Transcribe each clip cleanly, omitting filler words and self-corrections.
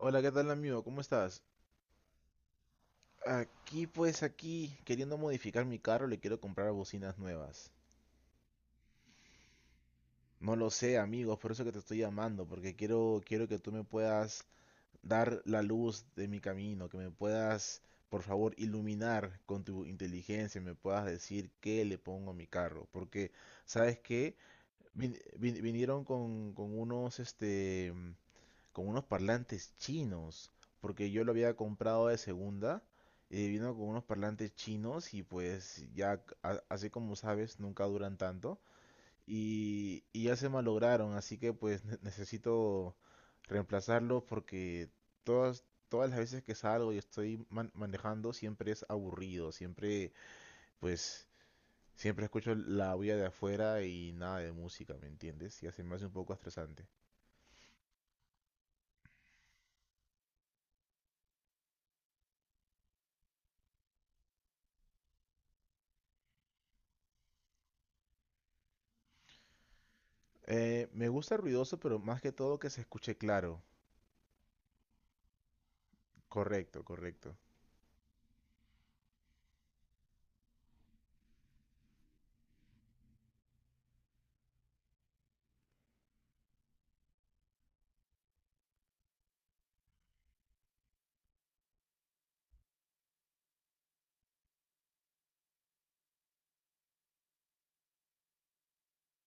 Hola, ¿qué tal amigo? ¿Cómo estás? Aquí pues aquí, queriendo modificar mi carro, le quiero comprar bocinas nuevas. No lo sé, amigos, por eso que te estoy llamando, porque quiero que tú me puedas dar la luz de mi camino, que me puedas, por favor, iluminar con tu inteligencia, me puedas decir qué le pongo a mi carro, porque ¿sabes qué? Vinieron con unos con unos parlantes chinos, porque yo lo había comprado de segunda y vino con unos parlantes chinos y pues ya, así como sabes, nunca duran tanto y, ya se malograron, así que pues necesito reemplazarlos porque todas, todas las veces que salgo y estoy manejando siempre es aburrido, siempre pues siempre escucho la bulla de afuera y nada de música, ¿me entiendes? Y así me hace un poco estresante. Me gusta ruidoso, pero más que todo que se escuche claro. Correcto, correcto.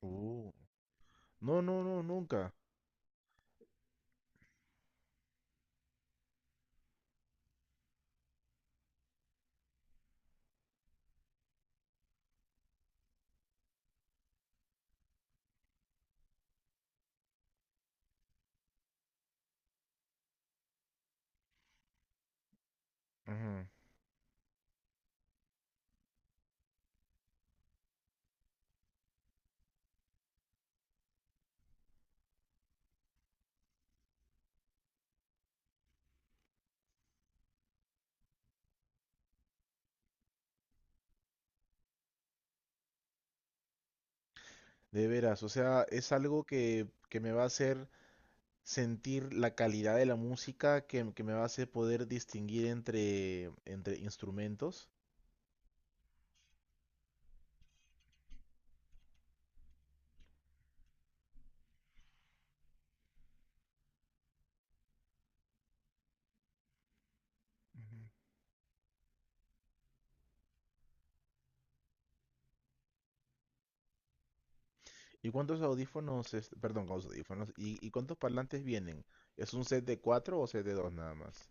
Uh, No, no, no, nunca. Ujú. De veras, o sea, es algo que me va a hacer sentir la calidad de la música, que me va a hacer poder distinguir entre, entre instrumentos. Ujú. ¿Y cuántos audífonos, perdón, cuántos audífonos? Y cuántos parlantes vienen? ¿Es un set de cuatro o set de dos nada más?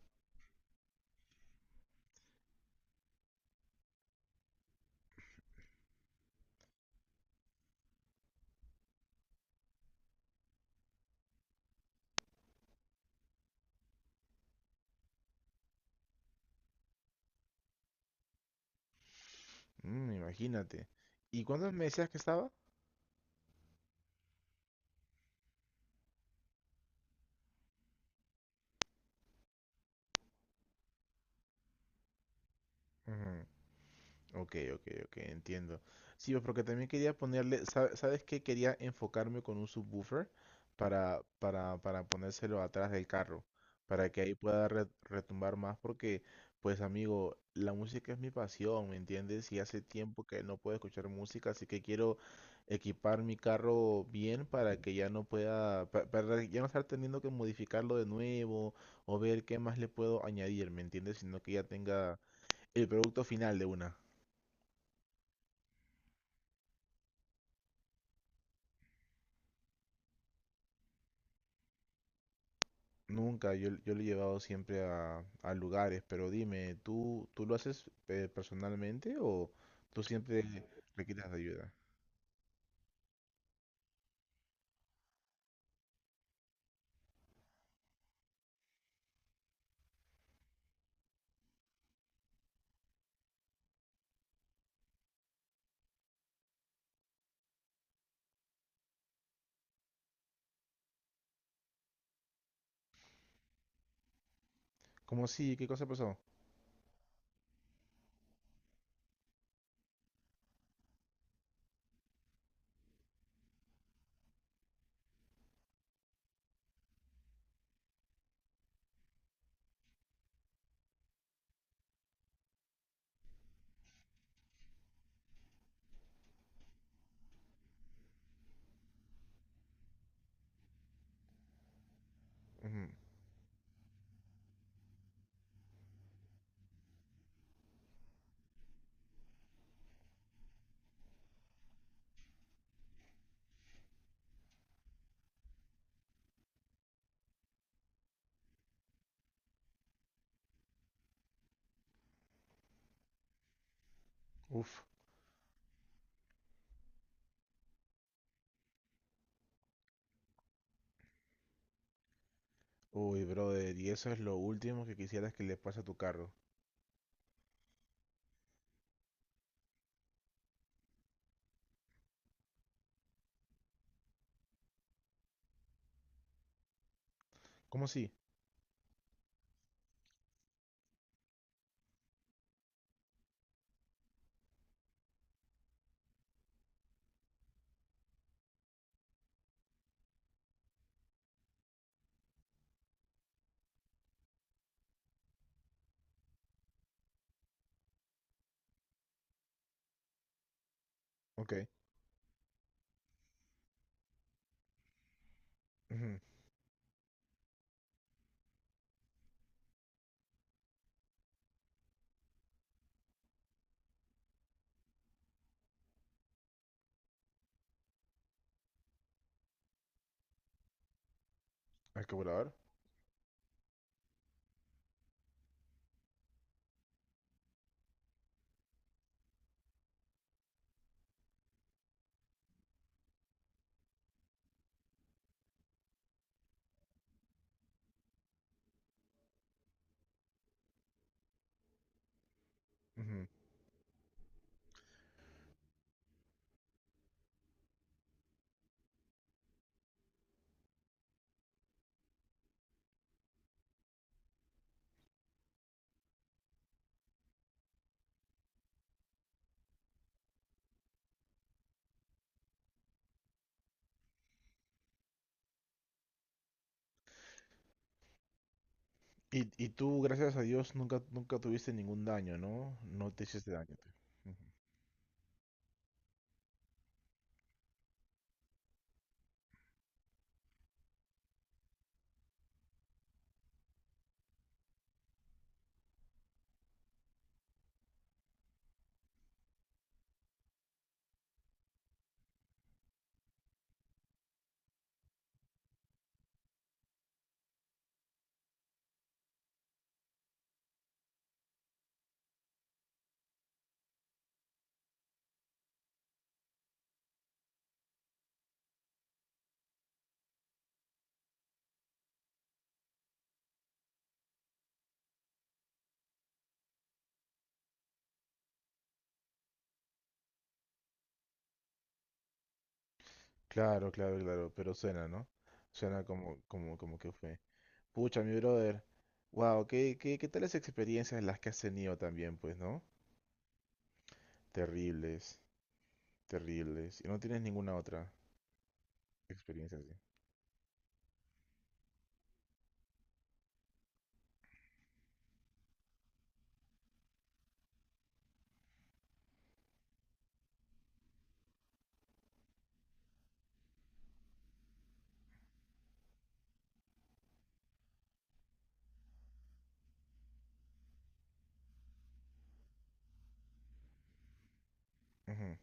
Mm, imagínate. ¿Y cuántos me decías que estaba? Ok, ok, ok, entiendo. Sí, pues, porque también quería ponerle, ¿sabes qué? Quería enfocarme con un subwoofer para ponérselo atrás del carro, para que ahí pueda retumbar más, porque, pues amigo, la música es mi pasión, ¿me entiendes? Y hace tiempo que no puedo escuchar música, así que quiero equipar mi carro bien para que ya no pueda, para ya no estar teniendo que modificarlo de nuevo o ver qué más le puedo añadir, ¿me entiendes? Sino que ya tenga el producto final de una. Nunca, yo lo he llevado siempre a lugares, pero dime, ¿tú lo haces personalmente o tú siempre le quitas de ayuda? ¿Cómo sí? ¿Qué cosa pasó? Ujú. Uf, uy, brother, y eso es lo último que quisieras que le pase a tu carro. ¿Cómo sí? Ok, ujú. ¿Al carburador? Ujú. Y tú, gracias a Dios, nunca, nunca tuviste ningún daño, ¿no? No te hiciste daño. Ujú. Claro, claro, claro, pero suena, ¿no? Suena como, como, como que fue. Pucha, mi brother. Wow, ¿qué, qué, qué tales experiencias las que has tenido también, pues, ¿no? Terribles, terribles. Y no tienes ninguna otra experiencia así. Ujú,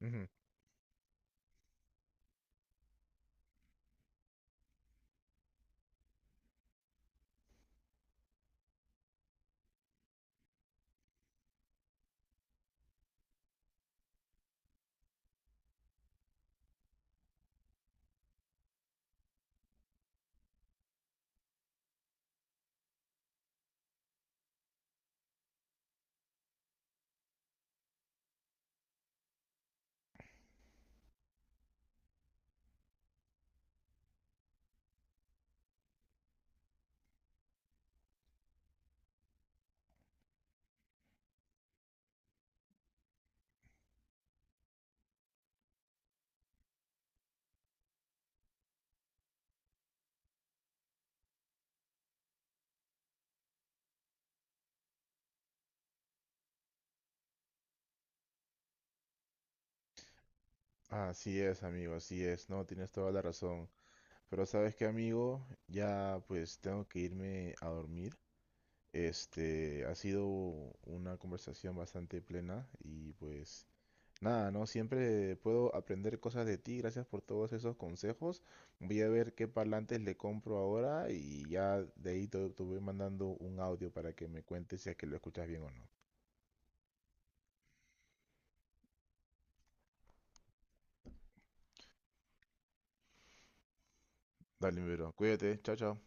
ujú. Así es, amigo, así es. No, tienes toda la razón. Pero sabes qué, amigo, ya pues tengo que irme a dormir. Ha sido una conversación bastante plena y pues nada, ¿no? Siempre puedo aprender cosas de ti. Gracias por todos esos consejos. Voy a ver qué parlantes le compro ahora y ya de ahí te, te voy mandando un audio para que me cuentes si es que lo escuchas bien o no. Dale, mi bro. Cuídate. Chao, chao.